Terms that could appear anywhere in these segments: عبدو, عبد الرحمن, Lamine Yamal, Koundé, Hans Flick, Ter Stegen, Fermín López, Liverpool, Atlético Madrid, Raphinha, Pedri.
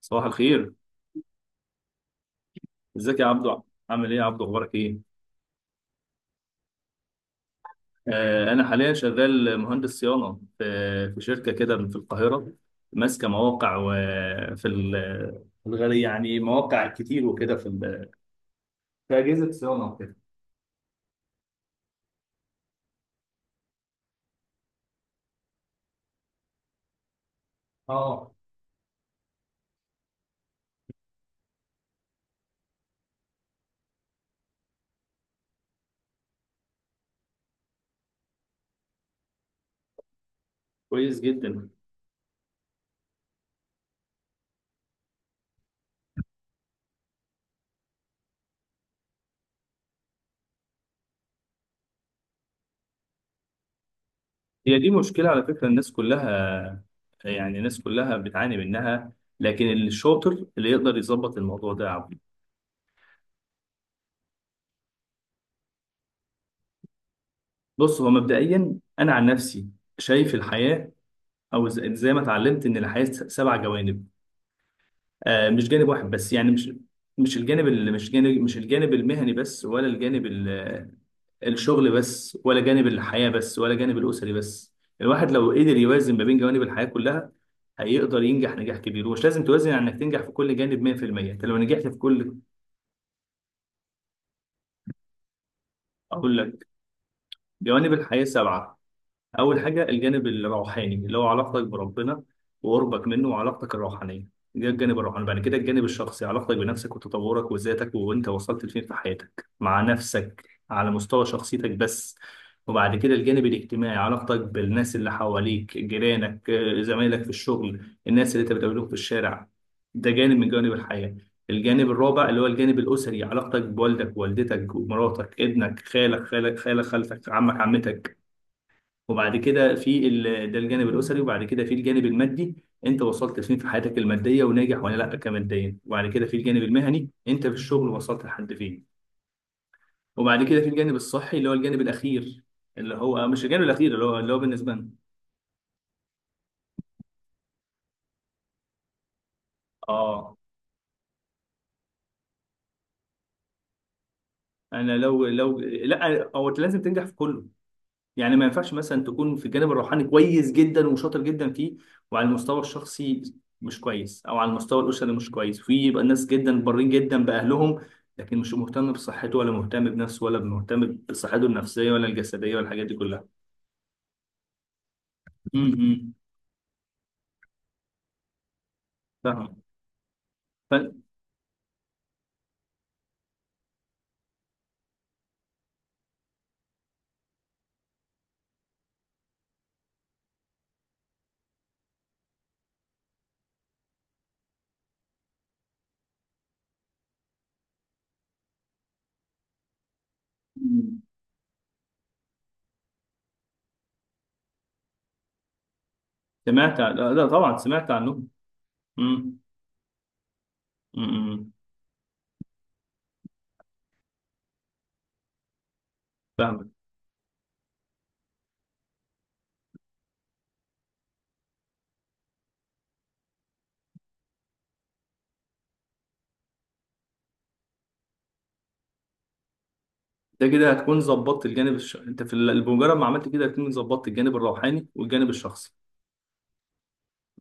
صباح الخير. ازيك يا عبدو، عامل ايه يا عبدو؟ اخبارك ايه؟ انا حاليا شغال مهندس صيانه في شركه كده في القاهره، ماسكه مواقع وفي الغالي يعني مواقع كتير وكده، في اجهزه صيانه وكده. اه، كويس جدا. هي دي مشكله على فكره الناس كلها، يعني الناس كلها بتعاني منها، لكن الشاطر اللي يقدر يظبط الموضوع ده يا عبدو. بص، هو مبدئيا انا عن نفسي شايف الحياه، او زي ما اتعلمت ان الحياه 7 جوانب. مش جانب واحد بس، يعني مش الجانب اللي مش الجانب المهني بس، ولا الشغل بس، ولا جانب الحياه بس، ولا جانب الاسري بس. الواحد لو قدر يوازن ما بين جوانب الحياه كلها هيقدر ينجح نجاح كبير، ومش لازم توازن على انك تنجح في كل جانب 100%. انت لو نجحت في كل، اقول لك، جوانب الحياه 7. أول حاجة الجانب الروحاني، اللي هو علاقتك بربنا وقربك منه وعلاقتك الروحانية. ده الجانب الروحاني. بعد كده الجانب الشخصي، علاقتك بنفسك وتطورك وذاتك، وأنت وصلت لفين في حياتك مع نفسك على مستوى شخصيتك بس. وبعد كده الجانب الاجتماعي، علاقتك بالناس اللي حواليك، جيرانك، زمايلك في الشغل، الناس اللي أنت بتقابلهم في الشارع. ده جانب من جوانب الحياة. الجانب الرابع اللي هو الجانب الأسري، علاقتك بوالدك ووالدتك ومراتك ابنك خالك خالتك عمك عمتك. وبعد كده في ال... ده الجانب الاسري. وبعد كده في الجانب المادي، انت وصلت فين في حياتك الماديه وناجح ولا لا كماديا. وبعد كده في الجانب المهني، انت في الشغل وصلت لحد فين. وبعد كده في الجانب الصحي، اللي هو الجانب الاخير، اللي هو مش الجانب الاخير، اللي هو بالنسبه لنا. اه، انا لو لو لا هو انت لازم تنجح في كله، يعني ما ينفعش مثلا تكون في الجانب الروحاني كويس جدا وشاطر جدا فيه، وعلى المستوى الشخصي مش كويس، او على المستوى الاسري مش كويس. في يبقى ناس جدا بارين جدا باهلهم، لكن مش مهتم بصحته ولا مهتم بنفسه ولا مهتم بصحته النفسيه ولا الجسديه ولا الحاجات دي كلها. امم فاهم. ف... مم. سمعت عن... لا لا، طبعا سمعت عنهم. امم امم فاهمك. ده كده هتكون ظبطت الجانب الش... انت بمجرد ما عملت كده هتكون ظبطت الجانب الروحاني والجانب الشخصي.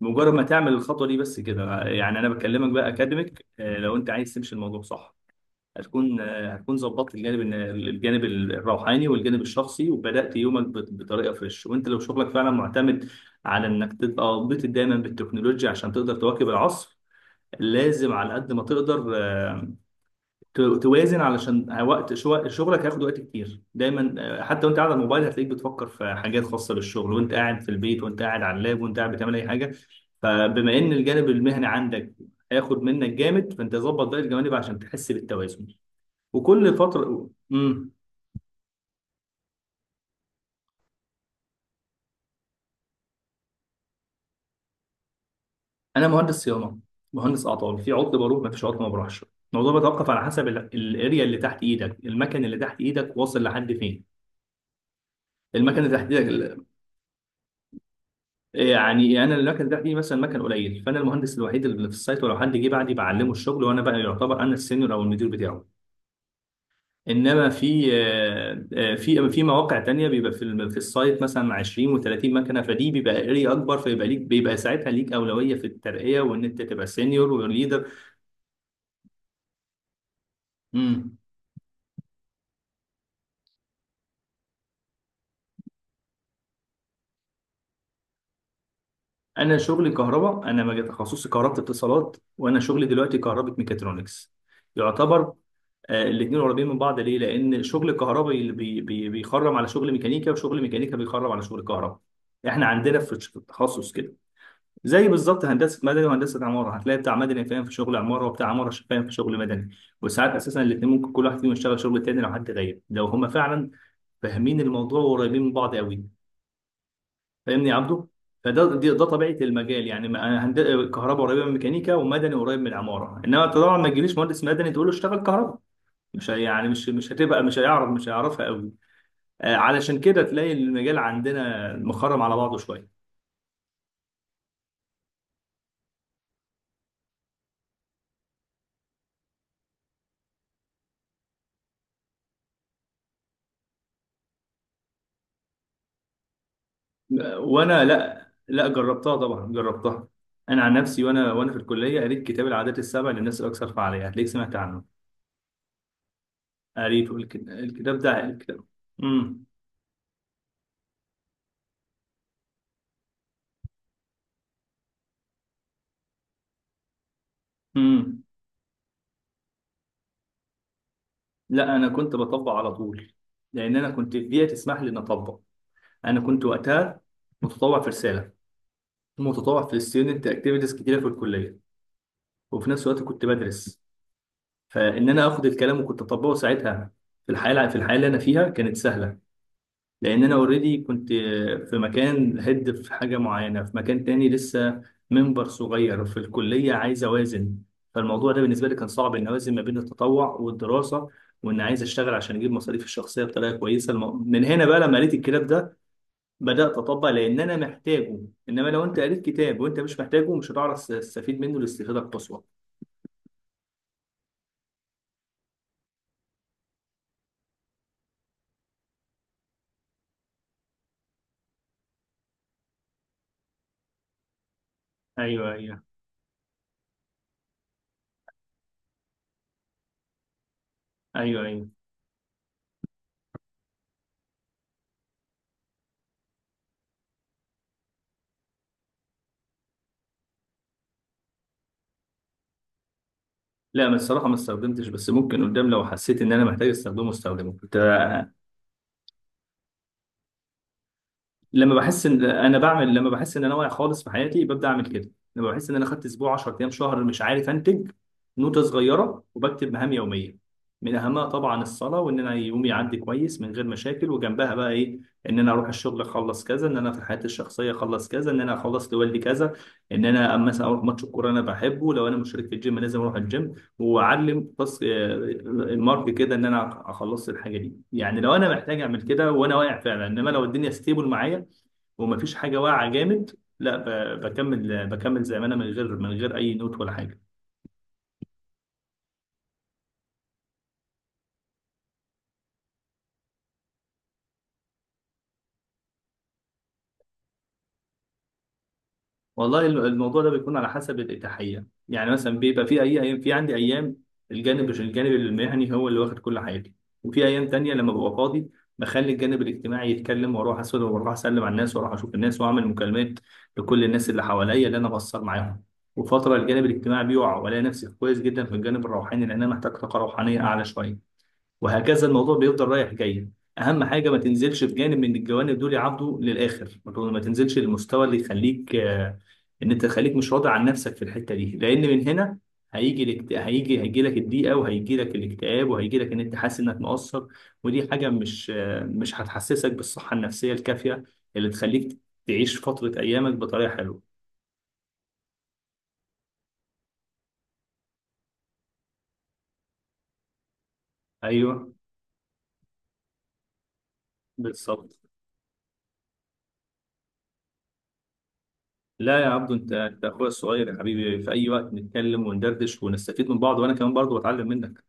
مجرد ما تعمل الخطوه دي بس كده، يعني انا بكلمك بقى اكاديميك، لو انت عايز تمشي الموضوع صح هتكون، هتكون ظبطت الجانب الروحاني والجانب الشخصي، وبدات يومك بطريقه فريش. وانت لو شغلك فعلا معتمد على انك تبقى مبتكر دايما بالتكنولوجيا عشان تقدر تواكب العصر، لازم على قد ما تقدر توازن، علشان وقت شغلك هياخد وقت كتير دايما. حتى وانت قاعد على الموبايل هتلاقيك بتفكر في حاجات خاصة بالشغل، وانت قاعد في البيت، وانت قاعد على اللاب، وانت قاعد بتعمل اي حاجة. فبما ان الجانب المهني عندك هياخد منك جامد، فانت ظبط باقي الجوانب عشان تحس بالتوازن. وكل فترة انا مهندس صيانة، مهندس اعطال، في عطل بروح، ما فيش عطل ما بروحش. الموضوع بيتوقف على حسب الاريا اللي تحت ايدك، المكن اللي تحت ايدك واصل لحد فين، المكنه اللي تحت ايدك. يعني انا المكن ده فيه مثلا مكن قليل، فانا المهندس الوحيد اللي في السايت، ولو حد جه بعدي بعلمه الشغل، وانا بقى يعتبر انا السينيور او المدير بتاعه. انما في في مواقع تانية بيبقى في السايت مثلا 20 و30 مكنه، فدي بيبقى اري اكبر، فيبقى ليك، بيبقى ساعتها ليك اولويه في الترقيه وان انت تبقى سينيور وليدر. امم انا شغلي كهرباء، انا مجال تخصصي كهرباء اتصالات، وانا شغلي دلوقتي كهرباء ميكاترونكس يعتبر. الاثنين قريبين من بعض ليه؟ لان شغل الكهرباء اللي بي بي بيخرم على شغل ميكانيكا، وشغل ميكانيكا بيخرم على شغل كهرباء. احنا عندنا في التخصص كده زي بالظبط هندسه مدني وهندسه عماره، هتلاقي بتاع مدني فاهم في شغل عماره، وبتاع عماره فاهم في شغل مدني. وساعات اساسا الاثنين ممكن كل واحد فيهم يشتغل شغل التاني لو حد غايب، لو هما فعلا فاهمين الموضوع وقريبين من بعض قوي. فاهمني يا عبده؟ ده طبيعه المجال، يعني أنا هند... كهرباء قريبه من ميكانيكا، ومدني قريب من العماره. انما انت طبعا ما تجيليش مهندس مدني تقول له اشتغل كهرباء، مش هي- يعني مش هيعرف، مش هيعرفها قوي. علشان كده تلاقي المجال عندنا مخرم على بعضه شويه. آه، وانا لا لا جربتها طبعا، جربتها. انا عن نفسي، وانا في الكليه قريت كتاب العادات السبع للناس الاكثر فعاليه، هتلاقيك سمعت عنه. قريته الكتاب ده الكتاب. امم امم لا، انا كنت بطبق على طول، لان انا كنت البيئه تسمح لي ان اطبق. انا كنت وقتها متطوع في رساله، متطوع في الستودنت اكتيفيتيز كتيره في الكليه، وفي نفس الوقت كنت بدرس. فان انا اخد الكلام وكنت اطبقه ساعتها في الحياه، اللي انا فيها كانت سهله، لان انا اوريدي كنت في مكان، هيد في حاجه معينه، في مكان تاني لسه منبر صغير في الكليه، عايز اوازن. فالموضوع ده بالنسبه لي كان صعب ان اوازن ما بين التطوع والدراسه، وان عايز اشتغل عشان اجيب مصاريفي الشخصيه بطريقه كويسه. من هنا بقى لما قريت الكتاب ده بدات اطبق، لان انا محتاجه. انما لو انت قريت كتاب وانت مش محتاجه، مش هتعرف تستفيد منه الاستفاده القصوى. ايوه ايوه ايوه ايوه لا، ما الصراحة ما استخدمتش، بس ممكن قدام لو حسيت ان انا محتاج استخدمه استخدمه. كنت لما بحس ان انا بعمل، لما بحس ان انا واقع خالص في حياتي ببدأ اعمل كده. لما بحس ان انا خدت اسبوع، 10 ايام، شهر مش عارف انتج، نوتة صغيرة وبكتب مهام يومية، من اهمها طبعا الصلاة، وان انا يومي يعدي كويس من غير مشاكل، وجنبها بقى ايه. ان انا اروح الشغل اخلص كذا، ان انا في حياتي الشخصية اخلص كذا، ان انا اخلص لوالدي كذا، ان انا مثلا اروح ماتش الكورة انا بحبه، لو انا مشترك في الجيم لازم اروح الجيم. واعلم بس المارك كده ان انا اخلص الحاجه دي، يعني لو انا محتاج اعمل كده وانا واقع فعلا. انما لو الدنيا ستيبل معايا ومفيش حاجه واقعه جامد، لا بكمل، بكمل زي ما انا، من غير اي نوت ولا حاجه. والله الموضوع ده بيكون على حسب الإتاحية، يعني مثلا بيبقى في أي أيام، في عندي أيام الجانب المهني هو اللي واخد كل حاجة، وفي أيام تانية لما ببقى فاضي بخلي الجانب الاجتماعي يتكلم، وأروح أسأل وأروح أسلم على الناس وأروح أشوف الناس وأعمل مكالمات لكل الناس اللي حواليا اللي أنا بأثر معاهم. وفترة الجانب الاجتماعي بيقع، وألاقي نفسي كويس جدا في الجانب الروحاني، لأن أنا محتاج طاقة روحانية أعلى شوية. وهكذا الموضوع بيفضل رايح جاي. اهم حاجه ما تنزلش في جانب من الجوانب دول يعبدوا للاخر. ما تنزلش للمستوى اللي يخليك ان انت خليك مش راضي عن نفسك في الحته دي، لان من هنا هيجي الاكت... هيجي لك الضيقه، وهيجي لك الاكتئاب، وهيجي لك ان انت حاسس انك مقصر. ودي حاجه مش هتحسسك بالصحه النفسيه الكافيه اللي تخليك تعيش فتره ايامك بطريقه حلوه. ايوه، بالظبط. لا يا عبدو، انت انت اخويا الصغير يا حبيبي، في اي وقت نتكلم وندردش ونستفيد من بعض، وانا كمان برضو بتعلم منك.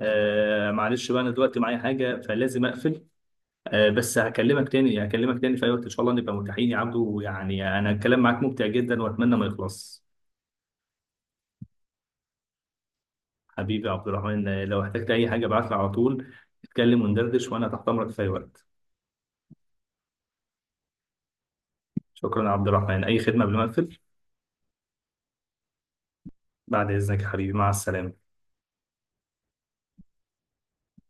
معلش بقى، انا دلوقتي معايا حاجه فلازم اقفل. بس هكلمك تاني في اي وقت ان شاء الله نبقى متاحين يا عبدو، ويعني انا الكلام معاك ممتع جدا واتمنى ما يخلص. حبيبي يا عبد الرحمن، لو احتجت اي حاجه ابعت لي على طول، نتكلم وندردش وانا تحت امرك في اي وقت. شكرا يا عبد الرحمن، اي خدمه قبل ما اقفل؟ بعد اذنك يا حبيبي، مع السلامه.